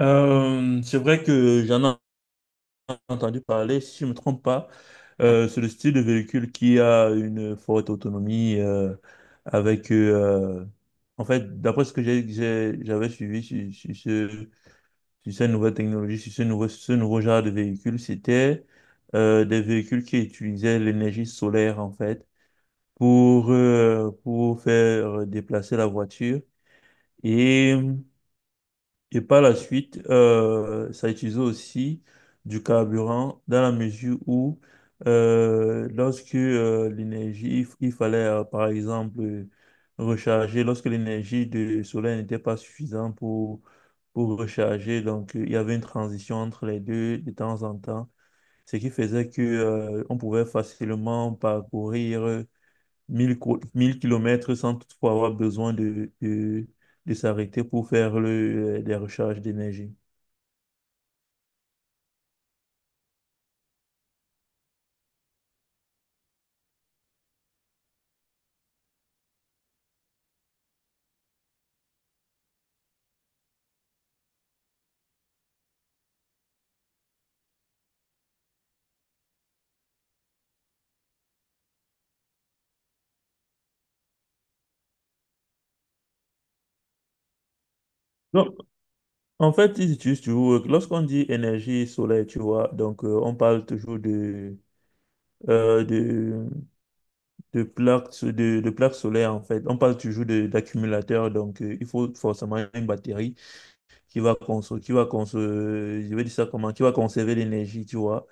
C'est vrai que j'en ai entendu parler, si je ne me trompe pas. C'est le style de véhicule qui a une forte autonomie avec... euh, en fait, d'après ce que j'avais suivi sur sur cette nouvelle technologie, sur ce nouveau genre de véhicule, c'était des véhicules qui utilisaient l'énergie solaire, en fait, pour faire déplacer la voiture. et Et par la suite, ça utilisait aussi du carburant dans la mesure où, lorsque l'énergie, il fallait par exemple recharger, lorsque l'énergie du soleil n'était pas suffisante pour recharger, donc il y avait une transition entre les deux de temps en temps, ce qui faisait que on pouvait facilement parcourir 1000 kilomètres sans toutefois avoir besoin de s'arrêter pour faire des recharges d'énergie. Donc, en fait, ils utilisent toujours, lorsqu'on dit énergie solaire, tu vois, donc on parle toujours euh, de, de de plaques solaires, en fait. On parle toujours d'accumulateurs, donc il faut forcément une batterie je vais dire ça comment, qui va conserver l'énergie, tu vois.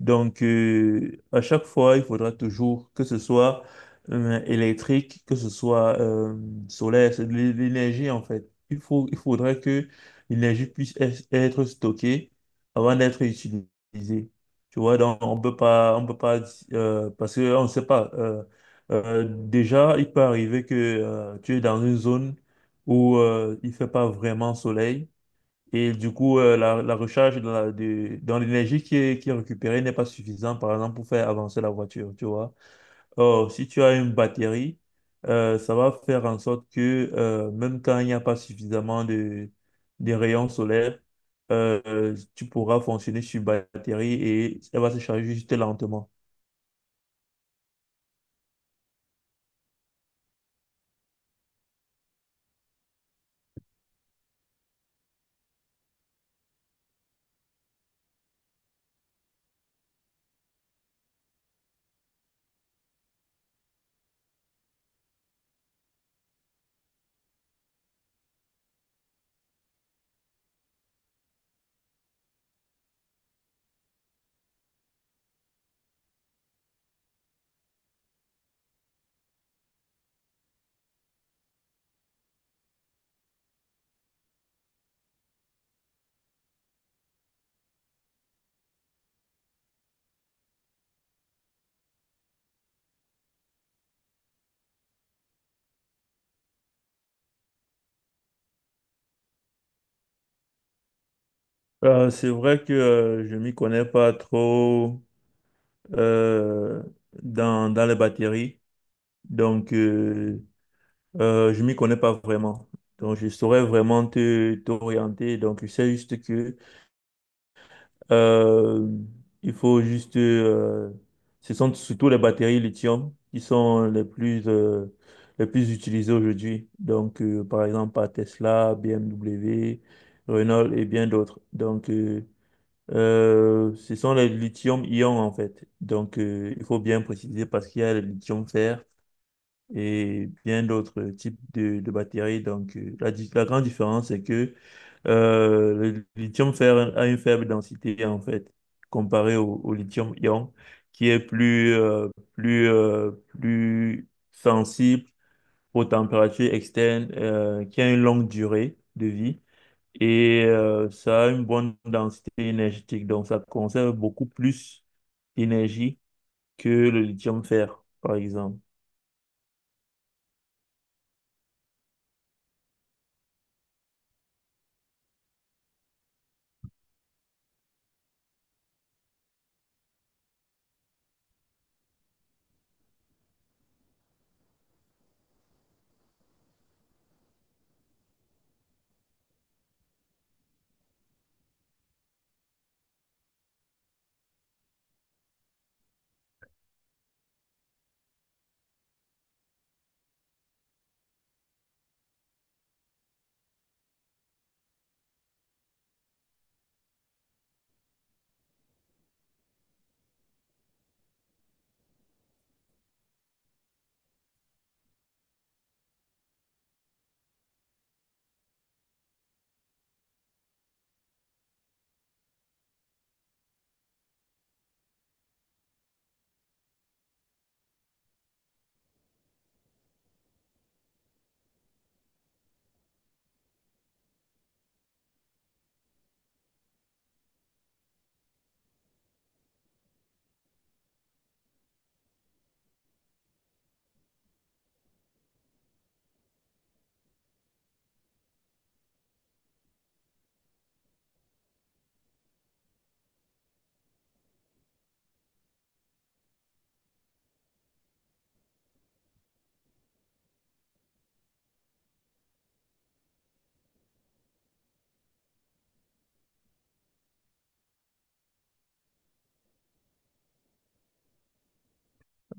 Donc, à chaque fois, il faudra toujours que ce soit électrique, que ce soit solaire, l'énergie en fait. Il faudra que l'énergie puisse être stockée avant d'être utilisée. Tu vois, donc on peut pas, parce qu'on ne sait pas. Déjà, il peut arriver que tu es dans une zone où il fait pas vraiment soleil. Et du coup, la recharge dans l'énergie qui est récupérée n'est pas suffisante, par exemple, pour faire avancer la voiture, tu vois. Or, si tu as une batterie, ça va faire en sorte que même quand il n'y a pas suffisamment de rayons solaires, tu pourras fonctionner sur batterie et elle va se charger juste lentement. C'est vrai que je m'y connais pas trop euh, dans les batteries. Donc, euh, je m'y connais pas vraiment. Donc, je saurais vraiment te t'orienter. Donc, je sais juste que euh, il faut juste. Ce sont surtout les batteries lithium qui sont les plus utilisées aujourd'hui. Donc, par exemple, par Tesla, BMW, Renault et bien d'autres. Ce sont les lithium-ion en fait. Donc, il faut bien préciser parce qu'il y a le lithium-fer et bien d'autres types de batteries. Donc, la grande différence, c'est que le lithium fer a une faible densité, en fait, comparé au, au lithium-ion, qui est plus, plus, plus sensible aux températures externes, qui a une longue durée de vie. Et ça a une bonne densité énergétique, donc ça conserve beaucoup plus d'énergie que le lithium-fer, par exemple.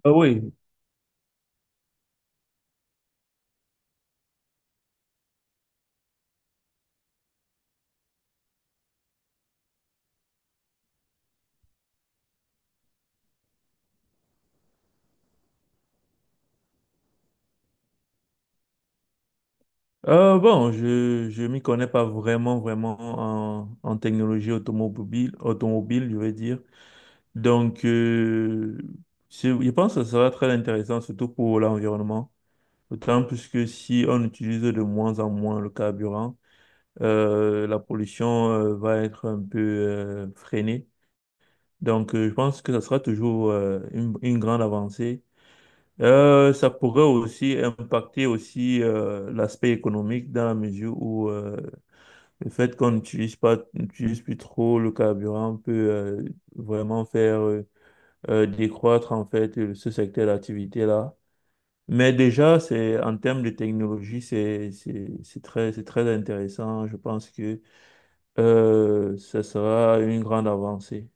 Ah oui. Bon, je m'y connais pas vraiment vraiment en, en technologie automobile, je vais dire. Donc euh, je pense que ça sera très intéressant surtout pour l'environnement. D'autant plus que si on utilise de moins en moins le carburant, la pollution va être un peu freinée. Je pense que ça sera toujours une grande avancée. Ça pourrait aussi impacter aussi l'aspect économique dans la mesure où le fait qu'on n'utilise pas, n'utilise plus trop le carburant peut vraiment faire décroître en fait ce secteur d'activité-là. Mais déjà, c'est en termes de technologie, c'est très intéressant. Je pense que ça sera une grande avancée.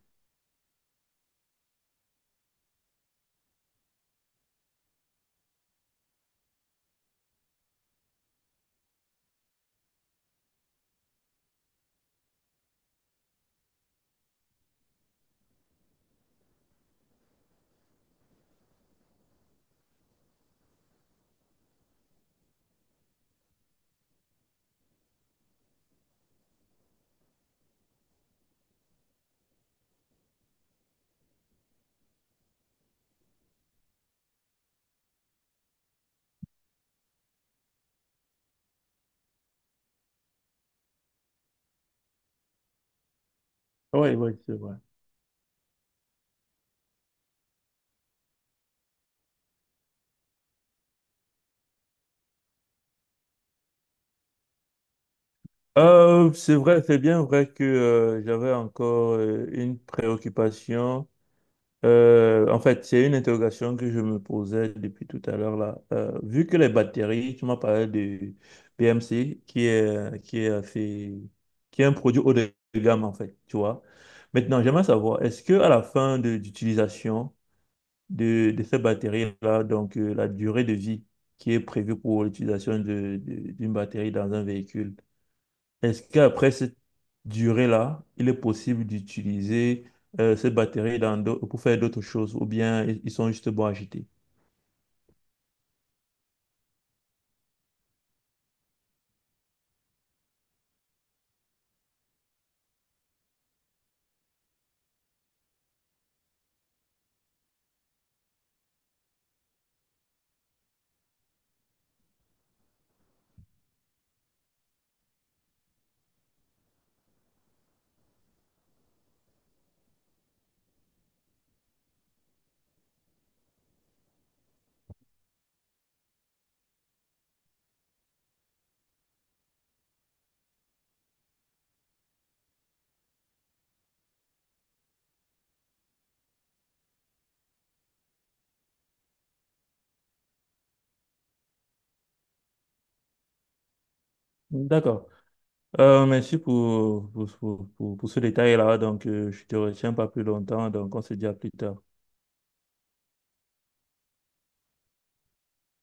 Oui, oui, c'est vrai. C'est vrai, c'est bien vrai que j'avais encore une préoccupation. En fait, c'est une interrogation que je me posais depuis tout à l'heure là. Vu que les batteries, tu m'as parlé de BMC, qui est qui est un produit haut de gamme en fait, tu vois. Maintenant, j'aimerais savoir, est-ce que à la fin de d'utilisation de ces batteries-là, donc la durée de vie qui est prévue pour l'utilisation d'une batterie dans un véhicule, est-ce qu'après cette durée-là, il est possible d'utiliser cette batterie pour faire d'autres choses ou bien ils sont juste bons à jeter? D'accord. Merci pour ce détail-là. Donc, je te retiens pas plus longtemps. Donc, on se dit à plus tard.